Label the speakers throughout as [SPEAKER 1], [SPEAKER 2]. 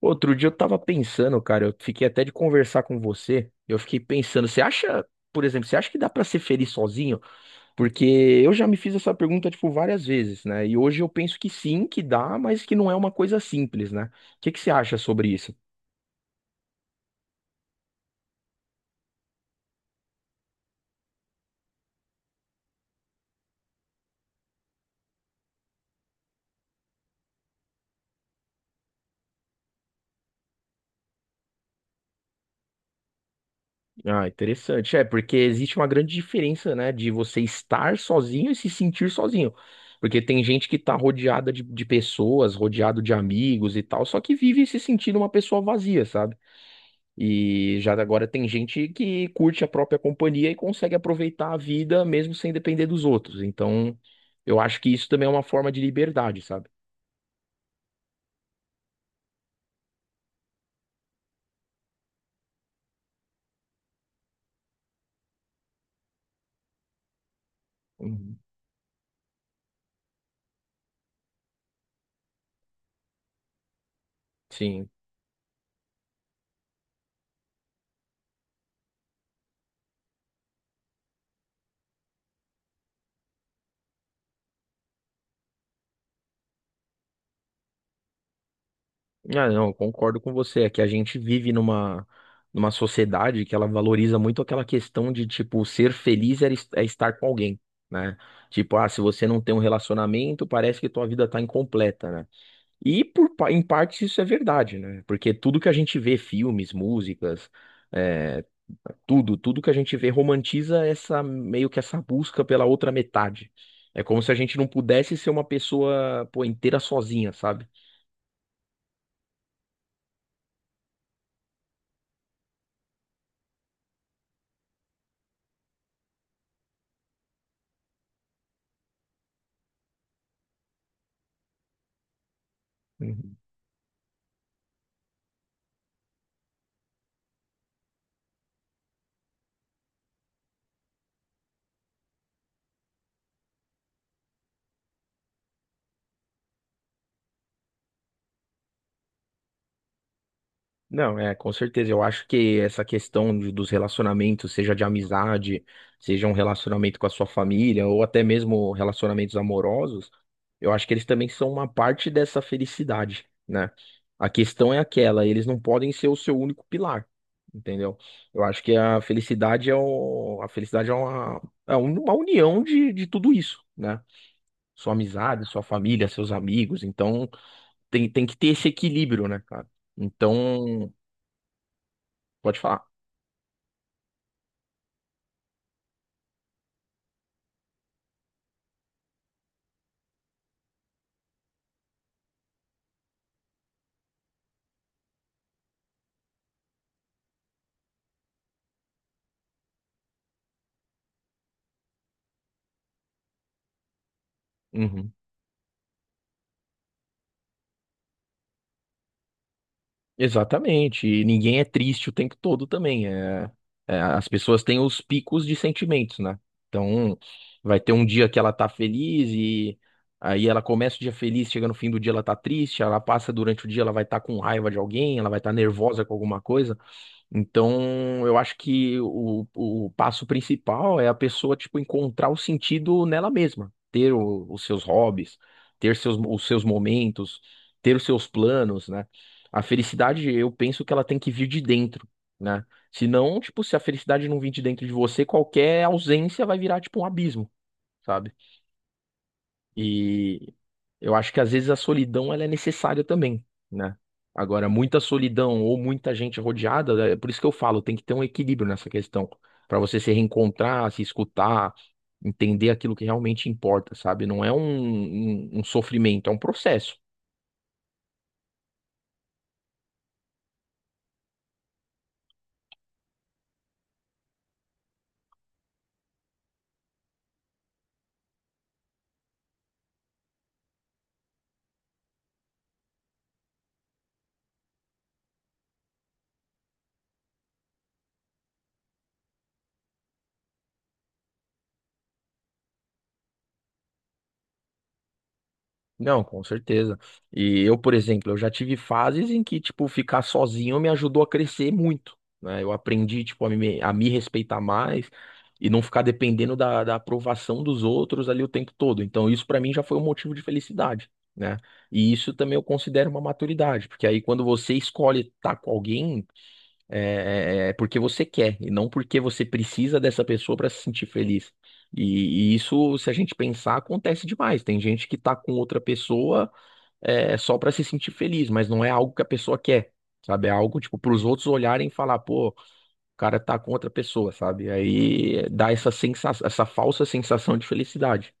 [SPEAKER 1] Outro dia eu tava pensando, cara, eu fiquei até de conversar com você. Eu fiquei pensando, você acha, por exemplo, você acha que dá pra ser feliz sozinho? Porque eu já me fiz essa pergunta, tipo, várias vezes, né? E hoje eu penso que sim, que dá, mas que não é uma coisa simples, né? O que que você acha sobre isso? Ah, interessante. É, porque existe uma grande diferença, né, de você estar sozinho e se sentir sozinho. Porque tem gente que tá rodeada de pessoas, rodeado de amigos e tal, só que vive se sentindo uma pessoa vazia, sabe? E já agora tem gente que curte a própria companhia e consegue aproveitar a vida mesmo sem depender dos outros. Então, eu acho que isso também é uma forma de liberdade, sabe? Uhum. Sim. Ah, não, eu concordo com você. É que a gente vive numa sociedade que ela valoriza muito aquela questão de, tipo, ser feliz é é estar com alguém, né? Tipo, ah, se você não tem um relacionamento, parece que tua vida tá incompleta, né? E em parte isso é verdade, né? Porque tudo que a gente vê, filmes, músicas, é, tudo que a gente vê romantiza essa meio que essa busca pela outra metade. É como se a gente não pudesse ser uma pessoa, pô, inteira sozinha, sabe? Não, é, com certeza. Eu acho que essa dos relacionamentos, seja de amizade, seja um relacionamento com a sua família, ou até mesmo relacionamentos amorosos, eu acho que eles também são uma parte dessa felicidade, né? A questão é aquela, eles não podem ser o seu único pilar, entendeu? Eu acho que a felicidade é uma união de tudo isso, né? Sua amizade, sua família, seus amigos. Então, tem que ter esse equilíbrio, né, cara? Então, pode falar. Uhum. Exatamente. E ninguém é triste o tempo todo também. É, as pessoas têm os picos de sentimentos, né? Então, vai ter um dia que ela tá feliz e aí ela começa o dia feliz, chega no fim do dia ela tá triste, ela passa durante o dia, ela vai estar com raiva de alguém, ela vai estar nervosa com alguma coisa. Então, eu acho que o passo principal é a pessoa, tipo, encontrar o sentido nela mesma, ter os seus hobbies, ter os seus momentos, ter os seus planos, né? A felicidade, eu penso que ela tem que vir de dentro, né? Senão, tipo, se a felicidade não vir de dentro de você, qualquer ausência vai virar, tipo, um abismo, sabe? E eu acho que às vezes a solidão ela é necessária também, né? Agora, muita solidão ou muita gente rodeada, é por isso que eu falo, tem que ter um equilíbrio nessa questão, para você se reencontrar, se escutar, entender aquilo que realmente importa, sabe? Não é um sofrimento, é um processo. Não, com certeza. E eu, por exemplo, eu já tive fases em que, tipo, ficar sozinho me ajudou a crescer muito, né? Eu aprendi, tipo, a me respeitar mais e não ficar dependendo da aprovação dos outros ali o tempo todo. Então, isso pra mim já foi um motivo de felicidade, né? E isso também eu considero uma maturidade, porque aí quando você escolhe estar com alguém, é porque você quer e não porque você precisa dessa pessoa para se sentir feliz. E isso, se a gente pensar, acontece demais. Tem gente que tá com outra pessoa só para se sentir feliz, mas não é algo que a pessoa quer, sabe? É algo tipo para os outros olharem e falar, pô, o cara tá com outra pessoa, sabe? Aí dá essa sensação, essa falsa sensação de felicidade.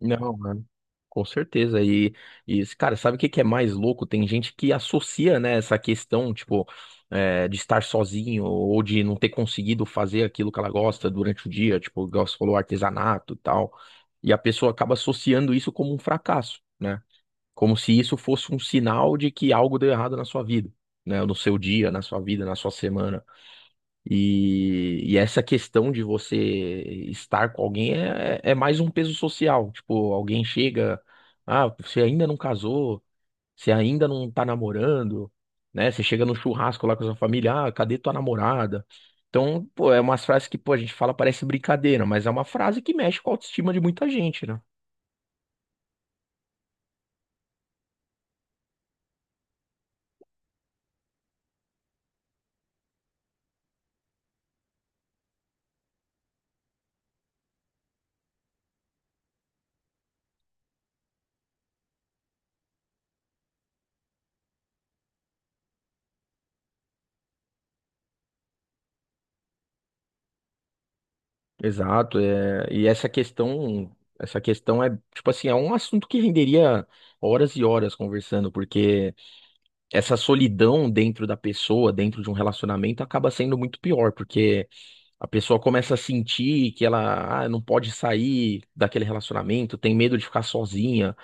[SPEAKER 1] Não, né? Com certeza. Cara, sabe o que que é mais louco? Tem gente que associa, né, essa questão, tipo, de estar sozinho ou de não ter conseguido fazer aquilo que ela gosta durante o dia, tipo, igual você falou, artesanato e tal. E a pessoa acaba associando isso como um fracasso, né? Como se isso fosse um sinal de que algo deu errado na sua vida, né? No seu dia, na sua vida, na sua semana. E essa questão de você estar com alguém é mais um peso social. Tipo, alguém chega, ah, você ainda não casou, você ainda não tá namorando, né? Você chega no churrasco lá com a sua família, ah, cadê tua namorada? Então, pô, é umas frases que, pô, a gente fala, parece brincadeira, mas é uma frase que mexe com a autoestima de muita gente, né? Exato, é, essa questão tipo assim, é um assunto que renderia horas e horas conversando, porque. Essa solidão dentro da pessoa, dentro de um relacionamento, acaba sendo muito pior, porque a pessoa começa a sentir que ela, ah, não pode sair daquele relacionamento, tem medo de ficar sozinha.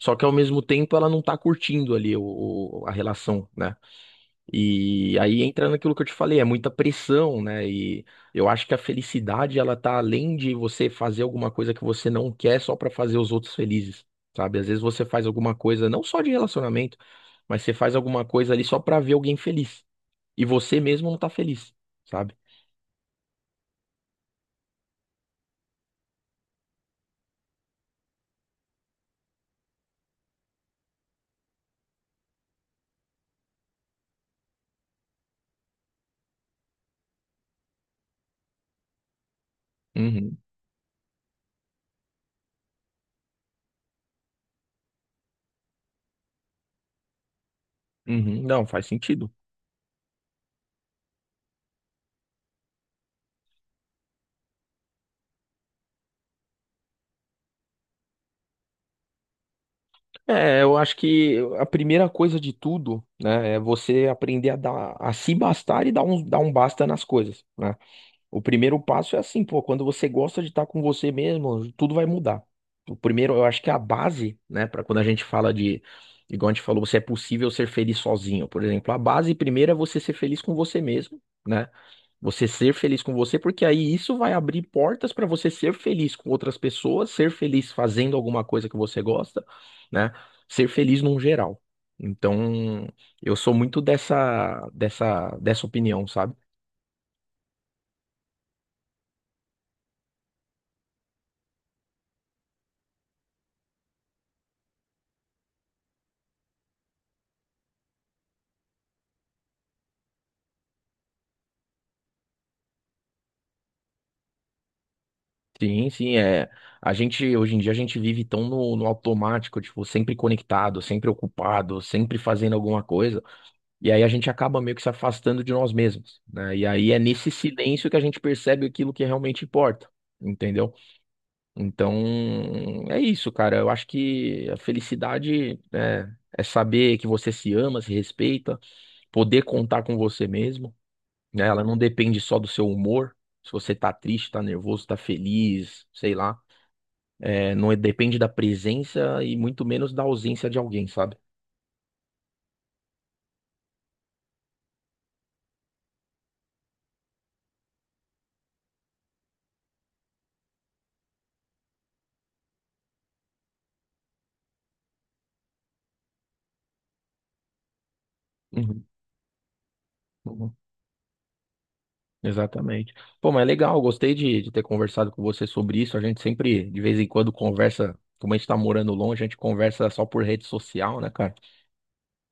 [SPEAKER 1] Só que ao mesmo tempo ela não tá curtindo ali a relação, né? E aí entra naquilo que eu te falei, é muita pressão, né? E eu acho que a felicidade, ela tá além de você fazer alguma coisa que você não quer só pra fazer os outros felizes, sabe? Às vezes você faz alguma coisa, não só de relacionamento, mas você faz alguma coisa ali só pra ver alguém feliz. E você mesmo não tá feliz, sabe? Uhum, uhum, não, faz sentido. É, eu acho que a primeira coisa de tudo, né, é você aprender a dar, a se bastar e dar dar um basta nas coisas, né? O primeiro passo é assim, pô, quando você gosta de estar com você mesmo, tudo vai mudar. O primeiro, eu acho que é a base, né, para quando a gente fala de, igual a gente falou, você é possível ser feliz sozinho, por exemplo. A base primeiro é você ser feliz com você mesmo, né? Você ser feliz com você, porque aí isso vai abrir portas para você ser feliz com outras pessoas, ser feliz fazendo alguma coisa que você gosta, né? Ser feliz num geral. Então, eu sou muito dessa opinião, sabe? Sim, sim, é. A gente, hoje em dia, a gente vive tão no automático, tipo, sempre conectado, sempre ocupado, sempre fazendo alguma coisa. E aí a gente acaba meio que se afastando de nós mesmos, né? E aí é nesse silêncio que a gente percebe aquilo que realmente importa, entendeu? Então, é isso, cara. Eu acho que a felicidade é, é saber que você se ama, se respeita, poder contar com você mesmo, né? Ela não depende só do seu humor. Se você tá triste, tá nervoso, tá feliz, sei lá. É, não é- depende da presença e muito menos da ausência de alguém, sabe? Uhum, uhum. Exatamente. Pô, mas é legal, gostei de ter conversado com você sobre isso. A gente sempre, de vez em quando, conversa, como a gente tá morando longe, a gente conversa só por rede social, né, cara?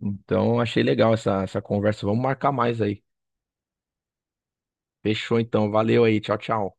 [SPEAKER 1] Então, achei legal essa conversa. Vamos marcar mais aí. Fechou, então. Valeu aí. Tchau, tchau.